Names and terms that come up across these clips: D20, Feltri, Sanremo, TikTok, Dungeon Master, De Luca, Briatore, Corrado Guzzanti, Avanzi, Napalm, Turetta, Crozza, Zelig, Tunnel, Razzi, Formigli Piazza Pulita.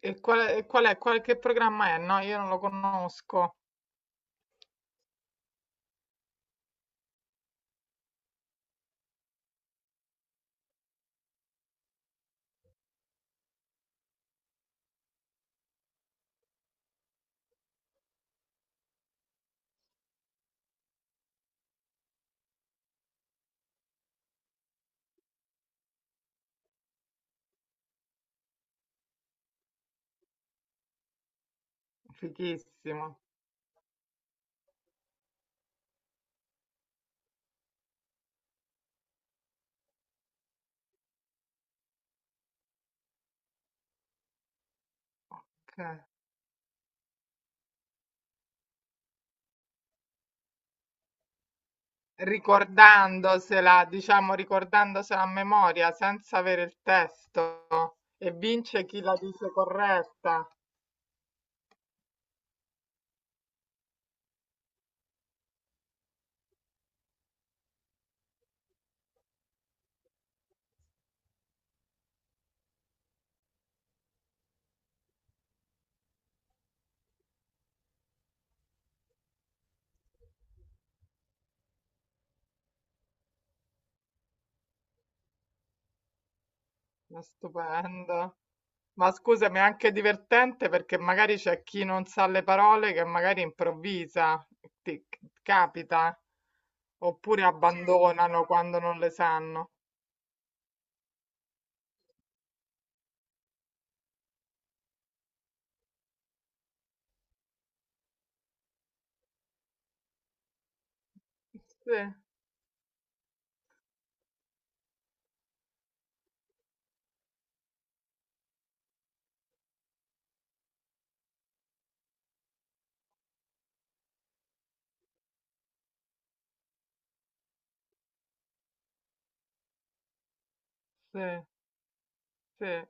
E qual è, che programma è? No, io non lo conosco. Fighissimo. Ok. Ricordandosela, diciamo, ricordandosela a memoria, senza avere il testo. E vince chi la dice corretta. Ma stupendo. Ma scusami, è anche divertente perché magari c'è chi non sa le parole che magari improvvisa, ti capita, oppure abbandonano quando non le sanno. Sì, sì, sì.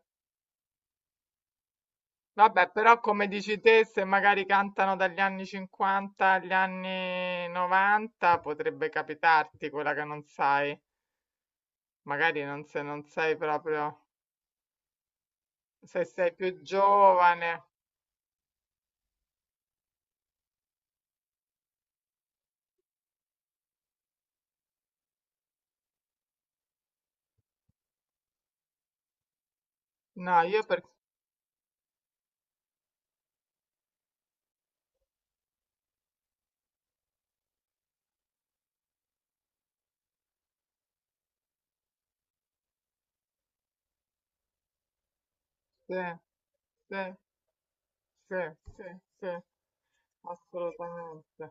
Vabbè, però come dici te, se magari cantano dagli anni 50 agli anni 90, potrebbe capitarti quella che non sai. Magari non se non sei proprio, se sei più giovane. No, io per... Sì, sì, sì, sì, sì, assolutamente.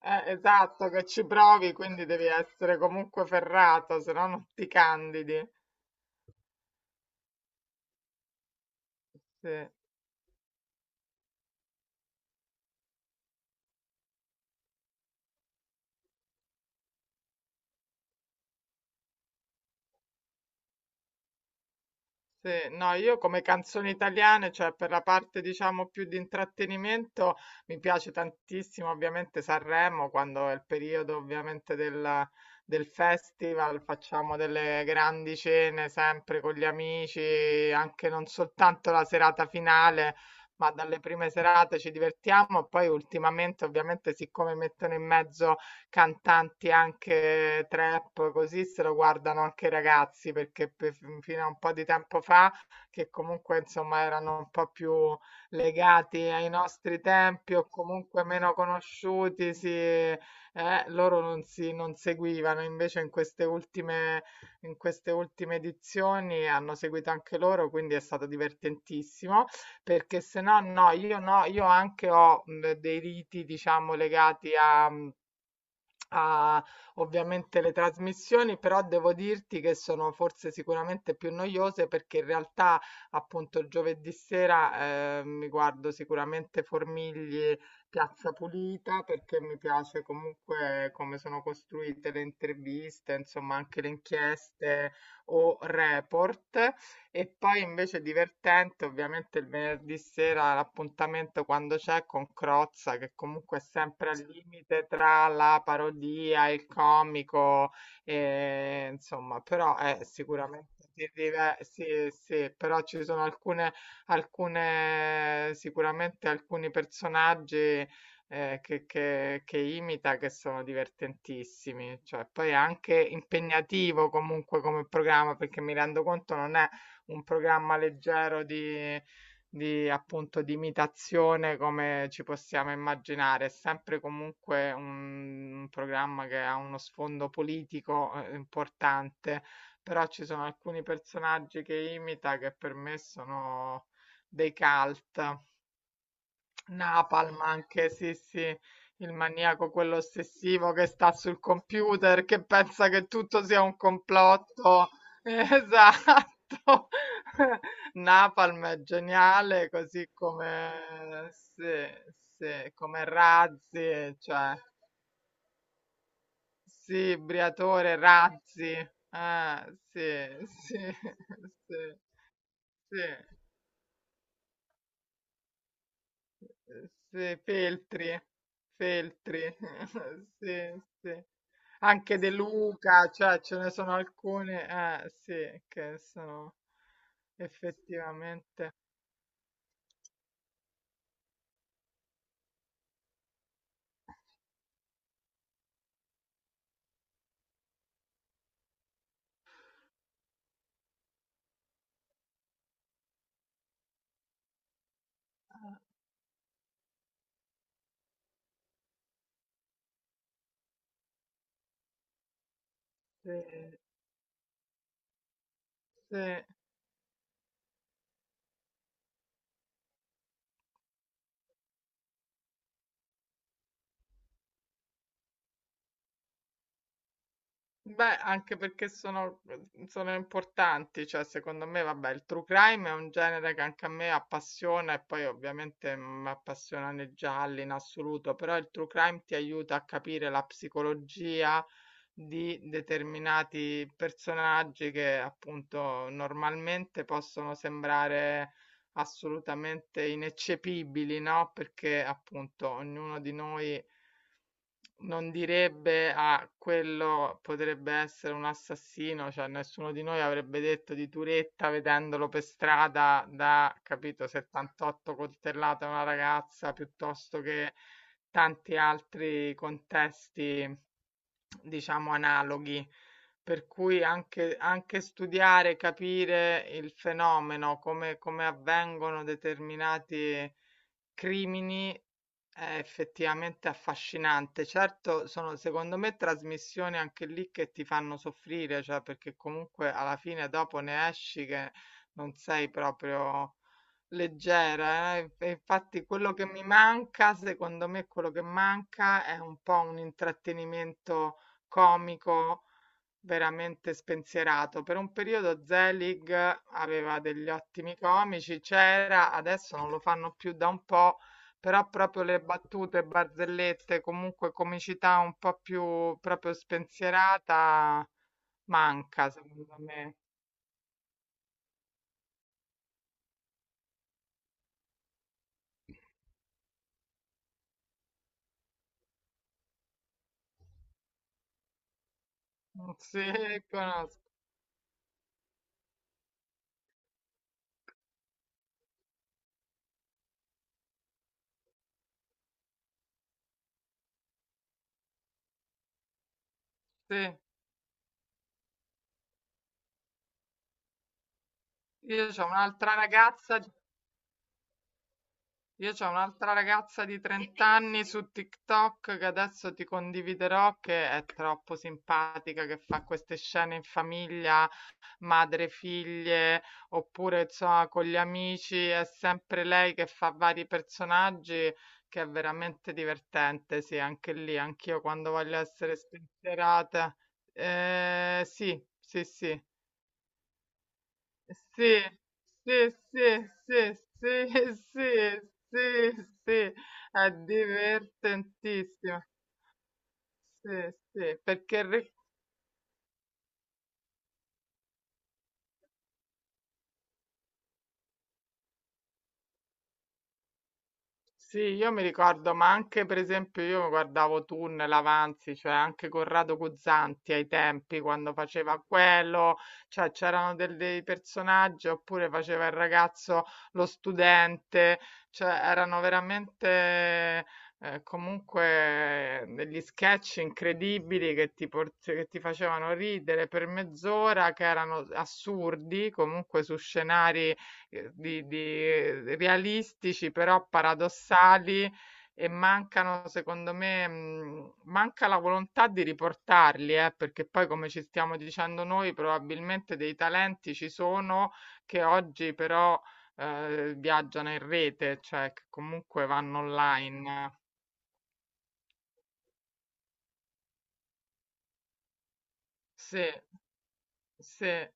Esatto, che ci provi, quindi devi essere comunque ferrato, se no non ti candidi. Sì. Sì, no, io come canzoni italiane, cioè per la parte diciamo più di intrattenimento, mi piace tantissimo ovviamente Sanremo, quando è il periodo ovviamente del festival, facciamo delle grandi cene sempre con gli amici, anche non soltanto la serata finale, ma dalle prime serate ci divertiamo. Poi ultimamente ovviamente siccome mettono in mezzo cantanti anche trap, così se lo guardano anche i ragazzi, perché fino a un po' di tempo fa, che comunque insomma erano un po' più legati ai nostri tempi o comunque meno conosciuti, si, loro non si non seguivano, invece in queste ultime edizioni hanno seguito anche loro, quindi è stato divertentissimo, perché se no, no, io no, io anche ho dei riti, diciamo, legati a ha ovviamente le trasmissioni, però devo dirti che sono forse sicuramente più noiose perché in realtà appunto giovedì sera mi guardo sicuramente Formigli Piazza Pulita perché mi piace comunque come sono costruite le interviste, insomma anche le inchieste o report. E poi invece divertente, ovviamente il venerdì sera l'appuntamento quando c'è con Crozza, che comunque è sempre al limite tra la parodia, il comico, e, insomma, però è sicuramente sì, sì, però ci sono alcune, alcune sicuramente alcuni personaggi che imita che sono divertentissimi, cioè poi è anche impegnativo comunque come programma perché mi rendo conto non è un programma leggero di appunto di imitazione come ci possiamo immaginare. È sempre comunque un programma che ha uno sfondo politico importante, però ci sono alcuni personaggi che imita che per me sono dei cult. Napalm anche, sì, sì, il maniaco, quello ossessivo che sta sul computer, che pensa che tutto sia un complotto. Esatto. Napalm è geniale, così come, sì, sì, come Razzi, cioè, sì, Briatore, Razzi, ah, sì, sì, sì, sì. Sì, Feltri, Feltri, sì, sì. Anche De Luca, cioè ce ne sono alcune, sì, che sono effettivamente. Eh, sì, sì. Beh, anche perché sono, sono importanti, cioè secondo me, vabbè, il true crime è un genere che anche a me appassiona e poi ovviamente mi appassionano i gialli in assoluto, però il true crime ti aiuta a capire la psicologia di determinati personaggi che appunto normalmente possono sembrare assolutamente ineccepibili, no? Perché appunto ognuno di noi non direbbe a quello potrebbe essere un assassino, cioè nessuno di noi avrebbe detto di Turetta vedendolo per strada da, capito, 78 coltellate a una ragazza piuttosto che tanti altri contesti, diciamo, analoghi. Per cui anche, anche studiare, capire il fenomeno, come, come avvengono determinati crimini è effettivamente affascinante. Certo, sono secondo me trasmissioni anche lì che ti fanno soffrire, cioè perché comunque alla fine dopo ne esci che non sei proprio leggera, eh. E infatti quello che mi manca, secondo me quello che manca è un po' un intrattenimento comico veramente spensierato. Per un periodo Zelig aveva degli ottimi comici, c'era, adesso non lo fanno più da un po', però proprio le battute, barzellette, comunque comicità un po' più proprio spensierata manca, secondo me. Sì, conosco. Sì. Io c'ho un'altra ragazza Io c'ho un'altra ragazza di 30 anni su TikTok che adesso ti condividerò, che è troppo simpatica, che fa queste scene in famiglia, madre, figlie, oppure insomma con gli amici, è sempre lei che fa vari personaggi, che è veramente divertente, sì, anche lì, anch'io quando voglio essere spensierata. Sì, sì, sì. Sì, sì, sì, sì, sì, sì, sì, sì, è divertentissimo. Sì, sì, sì, io mi ricordo, ma anche per esempio io guardavo Tunnel, Avanzi, cioè anche Corrado Guzzanti ai tempi quando faceva quello, cioè c'erano dei personaggi oppure faceva il ragazzo, lo studente, cioè erano veramente comunque degli sketch incredibili che che ti facevano ridere per mezz'ora, che erano assurdi, comunque su scenari di realistici però paradossali e mancano, secondo me, manca la volontà di riportarli, perché poi, come ci stiamo dicendo noi, probabilmente dei talenti ci sono che oggi però viaggiano in rete, cioè che comunque vanno online. Sì, sì.